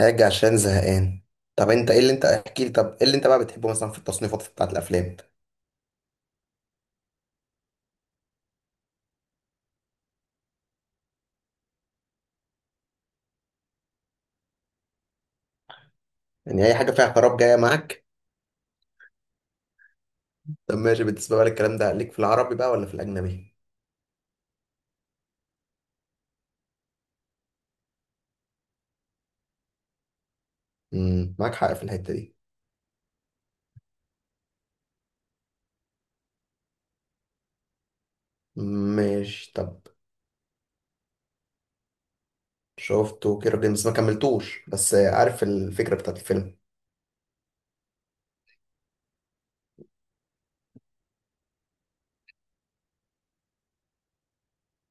حاجة عشان زهقان. طب انت ايه اللي انت احكي لي؟ طب ايه اللي انت بقى بتحبه مثلا في التصنيفات بتاعت الافلام؟ يعني اي حاجة فيها خراب جاية معاك. طب ماشي، بالنسبة بقى للكلام ده ليك في العربي بقى ولا في الاجنبي؟ معاك حق في الحتة دي. ماشي طب. شفته، كيرة جيمس ما كملتوش بس عارف الفكرة بتاعت الفيلم.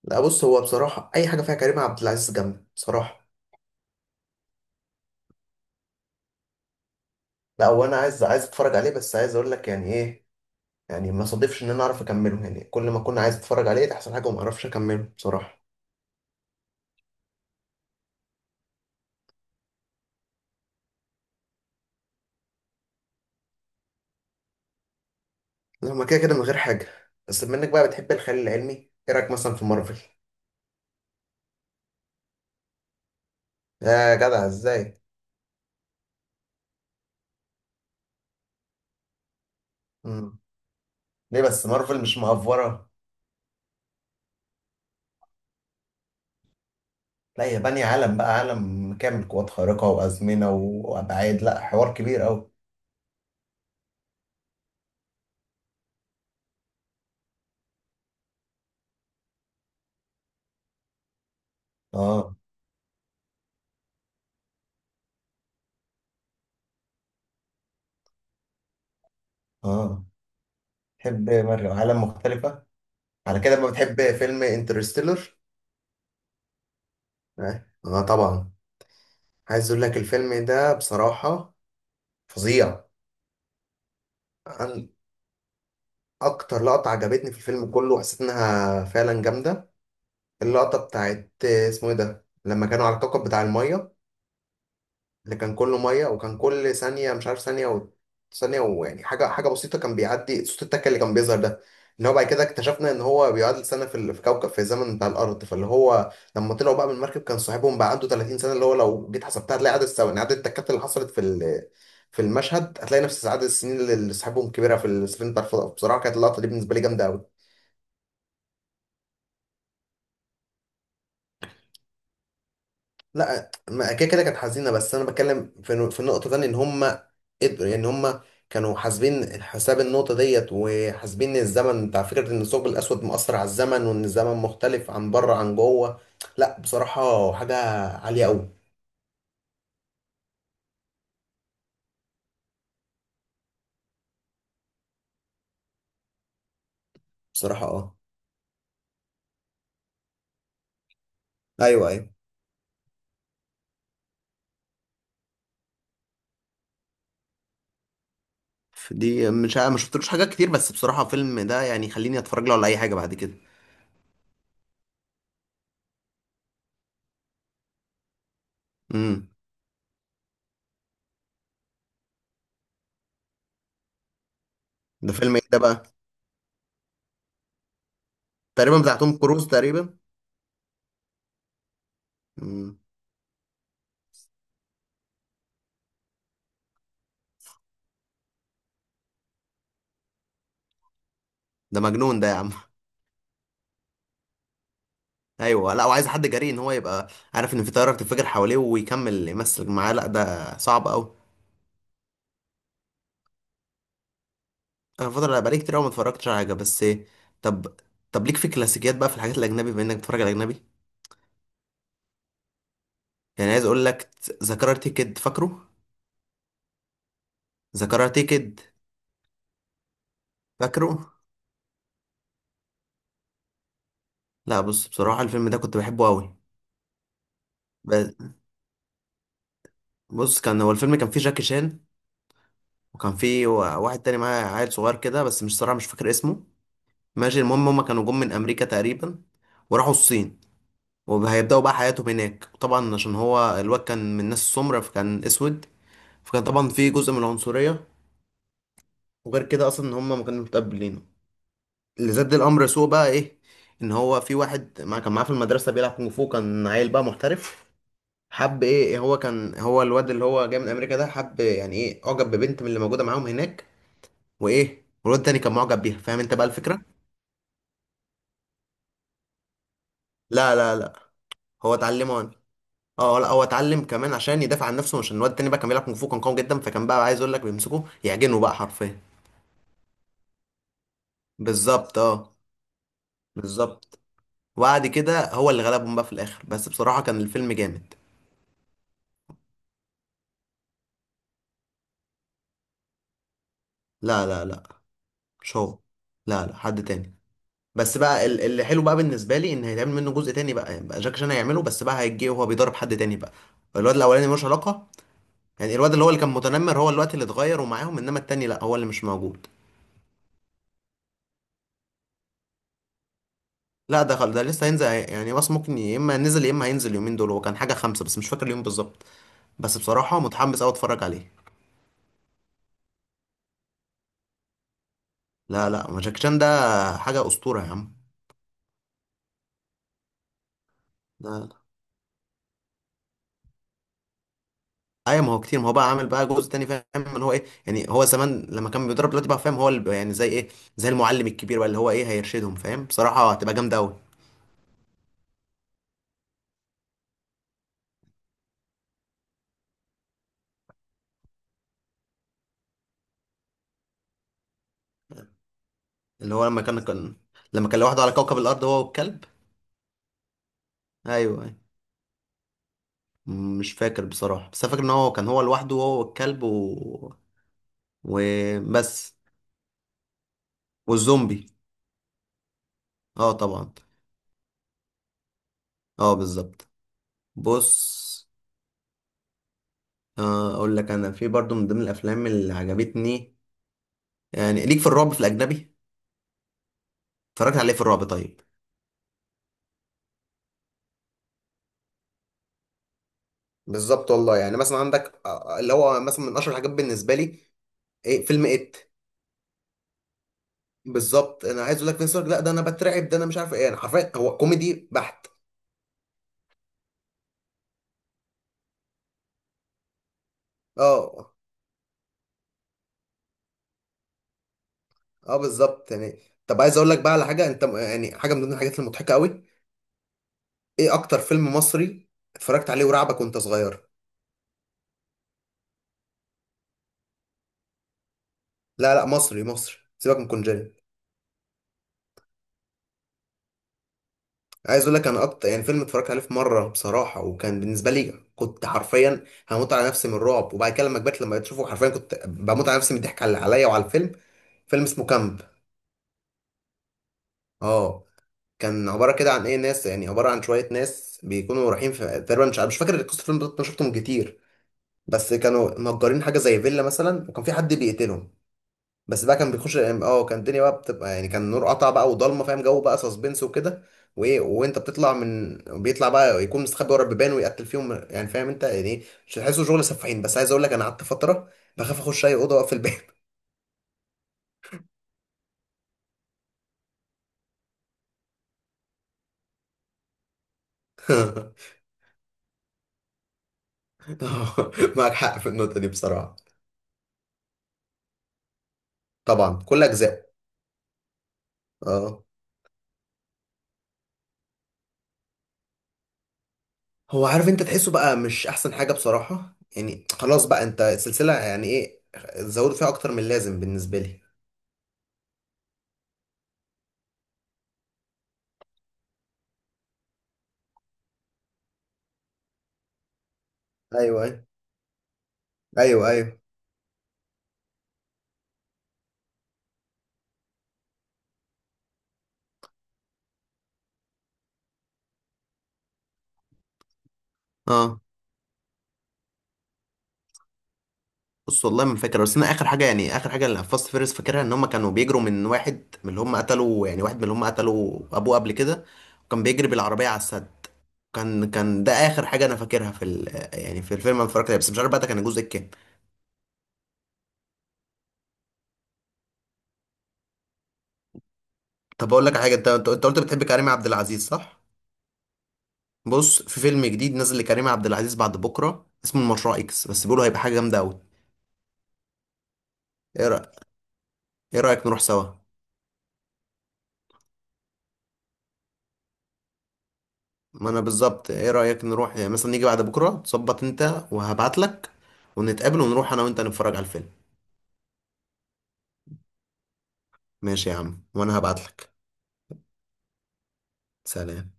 لا بص، هو بصراحة اي حاجة فيها كريم عبد العزيز جامد بصراحة. لا، وانا عايز اتفرج عليه بس عايز اقول لك يعني ايه، يعني ما صادفش ان انا اعرف اكمله، يعني كل ما كنت عايز اتفرج عليه تحصل حاجة وما اعرفش اكمله بصراحة. لا، ما كده كده من غير حاجة، بس بما انك بقى بتحب الخيال العلمي، ايه رأيك مثلا في مارفل؟ يا جدع ازاي! مم. ليه بس مارفل مش مأفورة؟ لا، هي بانية عالم بقى، عالم كامل، قوات خارقة وأزمنة وأبعاد، لا حوار كبير أوي. اه، اه، تحب مارفل عالم مختلفة، على كده ما بتحب فيلم انترستيلر؟ اه، طبعا. عايز اقول لك الفيلم ده بصراحة فظيع. أنا اكتر لقطة عجبتني في الفيلم كله وحسيت انها فعلا جامدة، اللقطة بتاعت اسمه ايه ده لما كانوا على الكوكب بتاع المية، اللي كان كله مية وكان كل ثانية مش عارف ثانية ويعني حاجة حاجة بسيطة كان بيعدي صوت التكة اللي كان بيظهر ده، اللي هو بعد كده اكتشفنا ان هو بيعادل سنة في كوكب، في الزمن بتاع الأرض، فاللي هو لما طلعوا بقى من المركب كان صاحبهم بقى عنده 30 سنة، اللي هو لو جيت حسبتها هتلاقي عدد الثواني، عدد التكات اللي حصلت في المشهد هتلاقي نفس عدد السنين اللي صاحبهم كبيرة في السفينة بتاع الفضاء. بصراحة كانت اللقطة دي بالنسبة لي جامدة أوي. لا ما كده كده كانت حزينه، بس انا بتكلم في النقطه تانية، ان هم قدروا، يعني هم كانوا حاسبين حساب النقطه ديت وحاسبين الزمن بتاع فكره ان الثقب الاسود مؤثر على الزمن وان الزمن مختلف عن بره عن جوه. لا بصراحه حاجه عاليه قوي. بصراحه اه. ايوه ايوه. دي مش عا- ما شفتلوش حاجات كتير، بس بصراحه فيلم ده يعني خليني اتفرج له على اي حاجه بعد كده. امم، ده فيلم ايه ده بقى؟ تقريبا بتاع توم كروز تقريبا. امم. ده مجنون ده يا عم! ايوه، لا وعايز حد جريء ان هو يبقى عارف ان في طياره بتنفجر حواليه ويكمل يمثل معاه، لا ده صعب قوي. انا الفتره اللي بقالي كتير قوي ما اتفرجتش على حاجه بس. طب، طب ليك في كلاسيكيات بقى في الحاجات الاجنبي بما انك بتتفرج على اجنبي؟ يعني عايز اقول لك، ذا كاراتيه كيد فاكره؟ ذا كاراتيه كيد. فاكره؟ لا بص، بصراحه الفيلم ده كنت بحبه قوي. ب- بص، كان هو الفيلم كان فيه جاكي شان، وكان فيه واحد تاني معاه عيل صغير كده بس مش صراحه مش فاكر اسمه. ماشي، المهم هما كانوا جم من امريكا تقريبا، وراحوا الصين، وهيبداوا بقى حياتهم هناك. طبعا عشان هو الواد كان من ناس سمرة فكان اسود، فكان طبعا في جزء من العنصرية، وغير كده اصلا ان هم ما كانوا متقبلينه. اللي زاد الامر سوء بقى ايه، ان هو في واحد مع كان معاه في المدرسة بيلعب كونغ فو، كان عيل بقى محترف. حب ايه، هو كان هو الواد اللي هو جاي من امريكا ده حب يعني ايه، اعجب ببنت من اللي موجودة معاهم هناك، وايه والواد التاني كان معجب بيها. فاهم انت بقى الفكرة. لا لا لا. هو اتعلمه. اه، لا هو اتعلم كمان عشان يدافع عن نفسه، مش إن الواد التاني بقى كان بيلعب كونغ فو كان قوي جدا، فكان بقى عايز اقول لك بيمسكوه يعجنه بقى حرفيا. بالظبط اه. بالظبط، وبعد كده هو اللي غلبهم بقى في الاخر، بس بصراحة كان الفيلم جامد. لا لا لا. مش هو. لا لا، حد تاني. بس بقى اللي حلو بقى بالنسبة لي ان هيتعمل منه جزء تاني بقى، يعني بقى جاك شان هيعمله بس بقى هيجي وهو بيضرب حد تاني بقى، الواد الاولاني ملوش علاقة. يعني الواد اللي هو اللي كان متنمر هو الوقت اللي اتغير ومعاهم، انما التاني لا هو اللي مش موجود. لا، ده لسه هينزل يعني، بس ممكن يا اما نزل يا اما هينزل اليومين دول، هو كان حاجه خمسه بس مش فاكر اليوم بالظبط. بس بصراحه متحمس قوي اتفرج عليه. لا لا، ما جاكي شان ده حاجه اسطوره يا عم. لا لا. ايوه ما هو كتير، ما هو بقى عامل بقى جزء تاني، فاهم ان هو ايه؟ يعني هو زمان لما كان بيضرب، دلوقتي بقى فاهم، هو اللي بقى يعني زي ايه، زي المعلم الكبير بقى اللي هو ايه هيرشدهم. فاهم بصراحه هتبقى جامده قوي. اللي هو لما كان لما كان لوحده على كوكب الارض هو والكلب. ايوه أيوة. مش فاكر بصراحه، بس أنا فاكر ان هو كان هو لوحده هو والكلب و... وبس. والزومبي. اه طبعا. اه بالظبط. بص، اقول لك انا في برضو من ضمن الافلام اللي عجبتني، يعني ليك في الرعب في الاجنبي؟ اتفرجت عليه في الرعب طيب. بالظبط والله، يعني مثلا عندك اللي هو مثلا من اشهر الحاجات بالنسبه لي، إيه فيلم ات. بالظبط انا عايز اقول لك فينس، لا ده انا بترعب، ده انا مش عارف ايه، انا حرفيا هو كوميدي بحت. اه اه بالظبط يعني. طب عايز اقول لك بقى على حاجه انت، يعني حاجه من ضمن الحاجات المضحكه قوي، ايه اكتر فيلم مصري اتفرجت عليه ورعبك وانت صغير؟ لا لا، مصري مصري، سيبك من كونجري. عايز اقول لك، انا اكتر يعني فيلم اتفرجت عليه في مره بصراحه وكان بالنسبه لي كنت حرفيا هموت على نفسي من الرعب، وبعد كده لما كبرت لما بتشوفه حرفيا كنت بموت على نفسي من الضحك على عليا وعلى الفيلم. فيلم اسمه كامب. اه، كان عباره كده عن ايه، ناس يعني عباره عن شويه ناس بيكونوا رايحين في، تقريبا مش فاكر قصه الفيلم بالظبط انا شفتهم كتير، بس كانوا مأجرين حاجه زي فيلا مثلا وكان في حد بيقتلهم. بس بقى كان بيخش الام، اه كان الدنيا بقى بتبقى يعني، كان النور قطع بقى وضلمه فاهم، جو بقى سسبنس وكده، وايه وانت بتطلع من بيطلع بقى يكون مستخبي ورا البيبان ويقتل فيهم يعني، فاهم انت يعني ايه مش هتحسه شغل سفاحين، بس عايز اقول لك انا قعدت فتره بخاف اخش اي اوضه واقفل الباب. معاك حق في النقطه دي بصراحه. طبعا كل اجزاء. اه، هو عارف انت تحسه بقى مش احسن حاجه بصراحه، يعني خلاص بقى انت السلسله يعني ايه، زودوا فيها اكتر من اللازم بالنسبه لي. ايوه ايوه. ايوه ايوه. اه. بص والله ما فاكر، بس انا اخر حاجه، يعني اخر حاجه اللي فاست فيرس فاكرها، ان هم كانوا بيجروا من واحد من اللي هم قتلوا يعني واحد من اللي هم قتلوا ابوه قبل كده، وكان بيجري بالعربيه على السد. كان ده اخر حاجه انا فاكرها في ال... يعني في الفيلم انا اتفرجت عليه، بس مش عارف بقى ده كان الجزء الكام. طب اقول لك على حاجه، انت انت أنت قلت بتحب كريم عبد العزيز صح؟ بص، في فيلم جديد نزل لكريم عبد العزيز بعد بكره اسمه المشروع اكس، بس بيقولوا هيبقى حاجه جامده قوي. ايه رايك ايه رايك نروح سوا؟ ما انا بالظبط، ايه رأيك نروح يعني مثلا نيجي بعد بكرة، تظبط انت وهبعتلك، ونتقابل ونروح انا وانت نتفرج على الفيلم. ماشي يا عم، وانا هبعتلك. سلام.